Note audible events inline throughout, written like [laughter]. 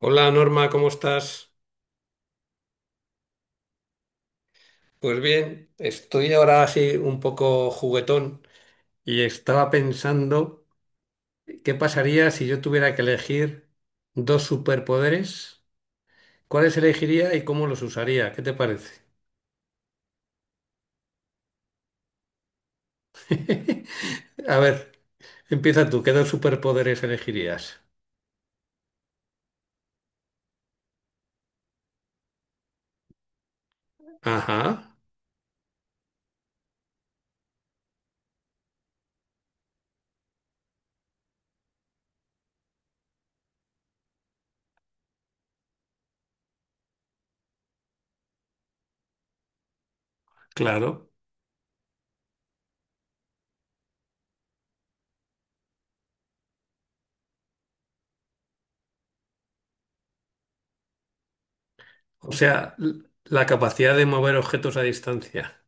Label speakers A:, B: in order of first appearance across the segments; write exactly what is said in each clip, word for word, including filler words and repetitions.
A: Hola Norma, ¿cómo estás? Pues bien, estoy ahora así un poco juguetón y estaba pensando qué pasaría si yo tuviera que elegir dos superpoderes, cuáles elegiría y cómo los usaría, ¿qué te parece? [laughs] A ver, empieza tú, ¿qué dos superpoderes elegirías? Ajá, claro. O sea, l- la capacidad de mover objetos a distancia.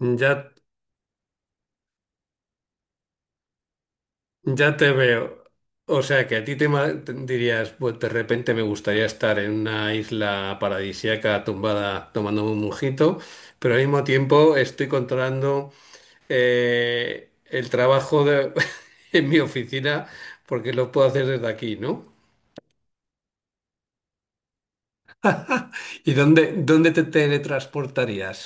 A: Ya Ya te veo. O sea, que a ti te ma- te dirías, pues de repente me gustaría estar en una isla paradisíaca tumbada tomándome un mojito, pero al mismo tiempo estoy controlando eh, el trabajo de- [laughs] en mi oficina porque lo puedo hacer desde aquí, ¿no? ¿Y dónde, dónde te teletransportarías?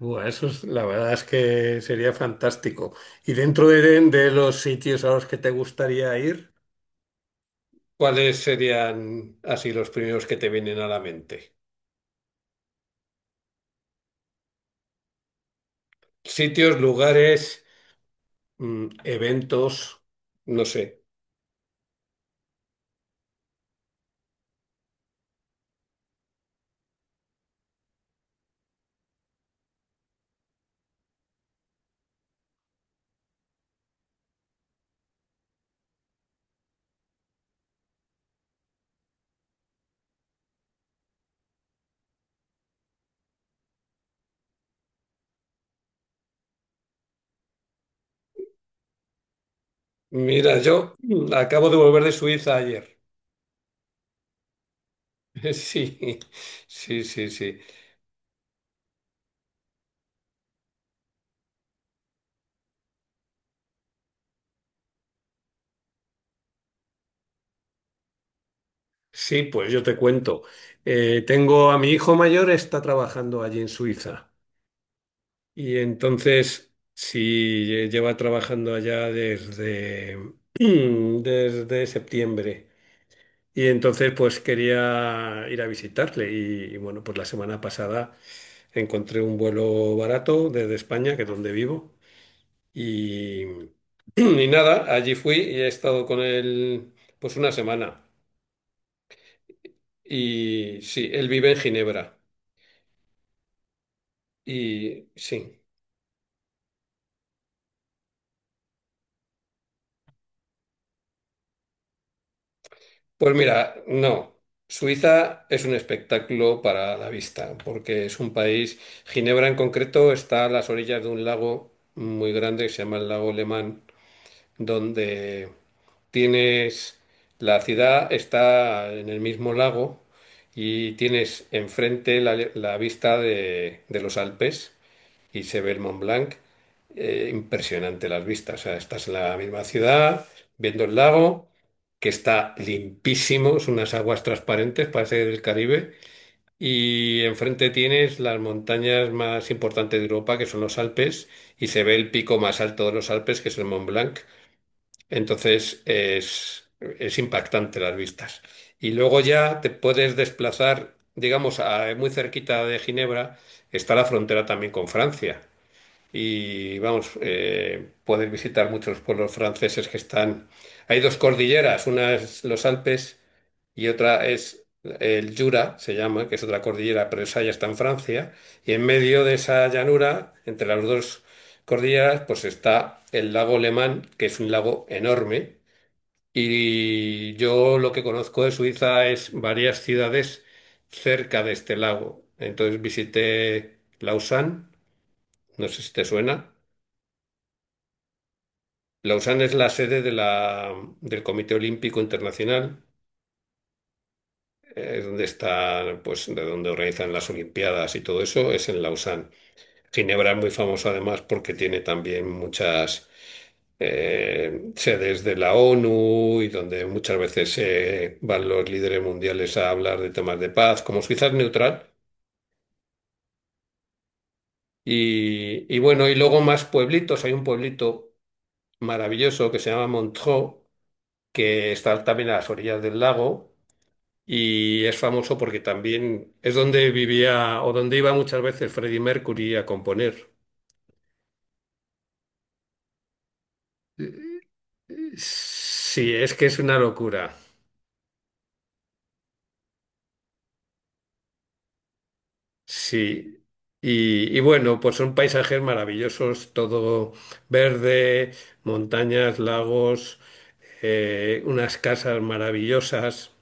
A: Buah, eso es, la verdad es que sería fantástico. ¿Y dentro de, de los sitios a los que te gustaría ir? ¿Cuáles serían así los primeros que te vienen a la mente? Sitios, lugares, mm, eventos, no sé. Mira, yo [clears throat] mm, acabo de volver de Suiza ayer. [laughs] Sí, sí, sí, sí. Sí, pues yo te cuento. Eh, tengo a mi hijo mayor, está trabajando allí en Suiza. Y entonces, sí, lle- lleva trabajando allá desde, [clears throat] desde septiembre. Y entonces pues quería ir a visitarle y, y, bueno, pues la semana pasada encontré un vuelo barato desde España, que es donde vivo, y, [clears throat] y nada, allí fui y he estado con él pues una semana. Y sí, él vive en Ginebra. Y sí, pues mira, no, Suiza es un espectáculo para la vista, porque es un país. Ginebra en concreto está a las orillas de un lago muy grande que se llama el lago Lemán. Donde tienes, la ciudad está en el mismo lago y tienes enfrente la, la vista de, de los Alpes y se ve el Mont Blanc. Eh, impresionante las vistas. O sea, estás en la misma ciudad, viendo el lago, que está limpísimo, son unas aguas transparentes, parece del Caribe. Y enfrente tienes las montañas más importantes de Europa, que son los Alpes, y se ve el pico más alto de los Alpes, que es el Mont Blanc. Entonces es, es impactante las vistas. Y luego ya te puedes desplazar, digamos, a- muy cerquita de Ginebra está la frontera también con Francia y vamos, eh, poder visitar muchos pueblos franceses que están. Hay dos cordilleras, una es los Alpes y otra es el Jura, se llama, que es otra cordillera, pero esa ya está en Francia. Y en medio de esa llanura, entre las dos cordilleras, pues está el lago Le, que es un lago enorme. Y yo lo que conozco de Suiza es varias ciudades cerca de este lago. Entonces visité Lausanne, no sé si te suena. Lausanne es la sede de la, del Comité Olímpico Internacional, eh, es donde está, pues, de donde organizan las Olimpiadas y todo eso, es en Lausanne. Ginebra es muy famosa además porque tiene también muchas eh, sedes de la O N U y donde muchas veces eh, van los líderes mundiales a hablar de temas de paz, como Suiza es neutral. Y, y bueno, y luego más pueblitos, hay un pueblito maravilloso que se llama Montreux, que está también a las orillas del lago. Y es famoso porque también es donde vivía o donde iba muchas veces Freddie Mercury a componer. Sí, es que es una locura. Sí. Y, y bueno, pues son paisajes maravillosos, todo verde, montañas, lagos, eh, unas casas maravillosas.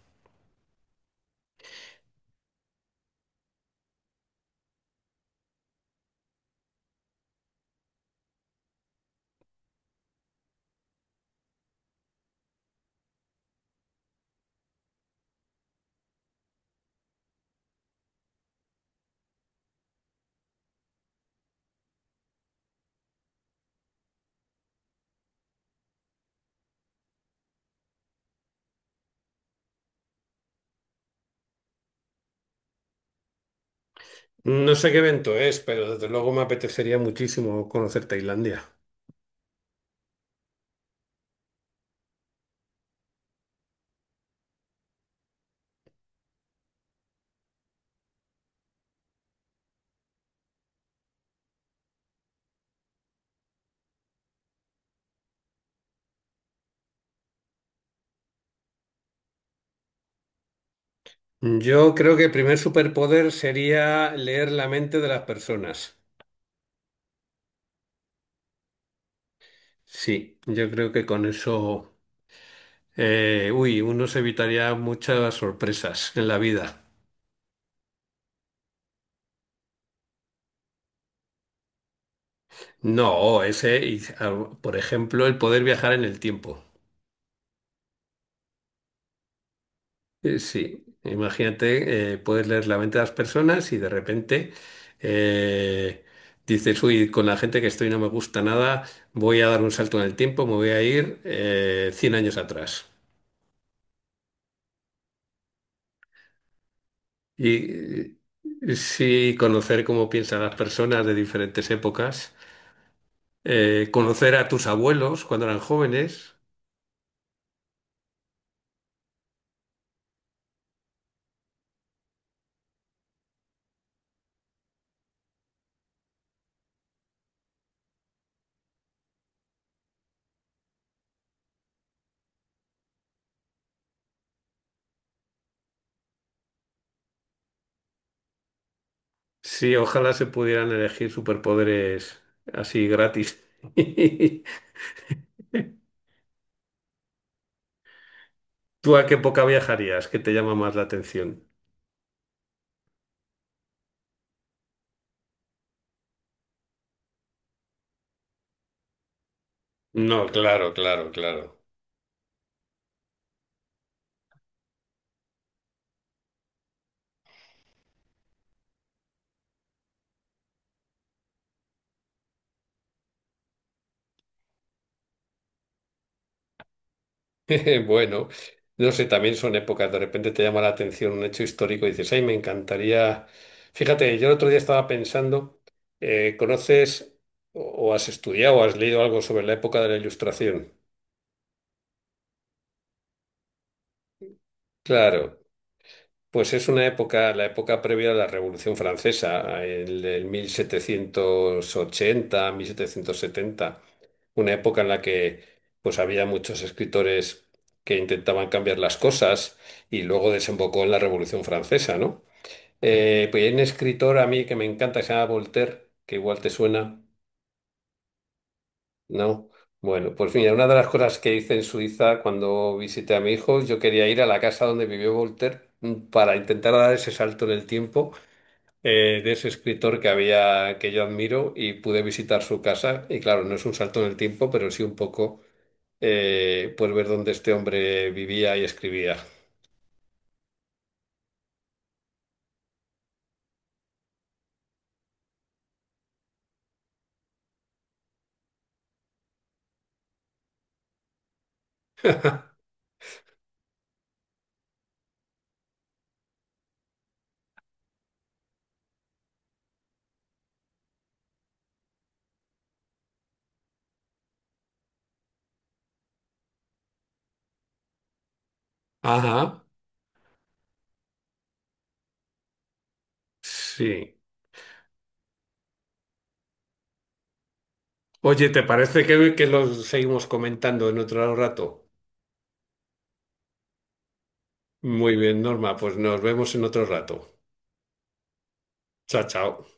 A: No sé qué evento es, pero desde luego me apetecería muchísimo conocer Tailandia. Yo creo que el primer superpoder sería leer la mente de las personas. Sí, yo creo que con eso, eh, uy, uno se evitaría muchas sorpresas en la vida. No, ese, y, ah, por ejemplo, el poder viajar en el tiempo. Eh, sí, imagínate, eh, puedes leer la mente de las personas y de repente eh, dices, uy, con la gente que estoy no me gusta nada, voy a dar un salto en el tiempo, me voy a ir eh, cien años atrás. Y eh, sí, conocer cómo piensan las personas de diferentes épocas. Eh, conocer a tus abuelos cuando eran jóvenes. Sí, ojalá se pudieran elegir superpoderes así gratis. [laughs] ¿Tú a qué época viajarías? ¿Qué te llama más la atención? No, claro, claro, claro. [laughs] Bueno, no sé, también son épocas, de repente te llama la atención un hecho histórico y dices, ay, me encantaría. Fíjate, yo el otro día estaba pensando, eh, ¿conoces o o has estudiado o has leído algo sobre la época de la Ilustración? Claro. Pues es una época, la época previa a la Revolución Francesa, el, el mil setecientos ochenta, mil setecientos setenta, una época en la que pues había muchos escritores que intentaban cambiar las cosas y luego desembocó en la Revolución Francesa, ¿no? Eh, pues hay un escritor a mí que me encanta que se llama Voltaire, que igual te suena, ¿no? Bueno, pues mira, una de las cosas que hice en Suiza cuando visité a mi hijo, yo quería ir a la casa donde vivió Voltaire mm, para intentar dar ese salto en el tiempo eh, de ese escritor que había, que yo admiro y pude visitar su casa. Y claro, no es un salto en el tiempo, pero sí un poco, eh, pues ver dónde este hombre vivía y escribía. Ajá, sí. Oye, ¿te parece que, que lo seguimos comentando en otro rato? Muy bien, Norma, pues nos vemos en otro rato. Chao, chao.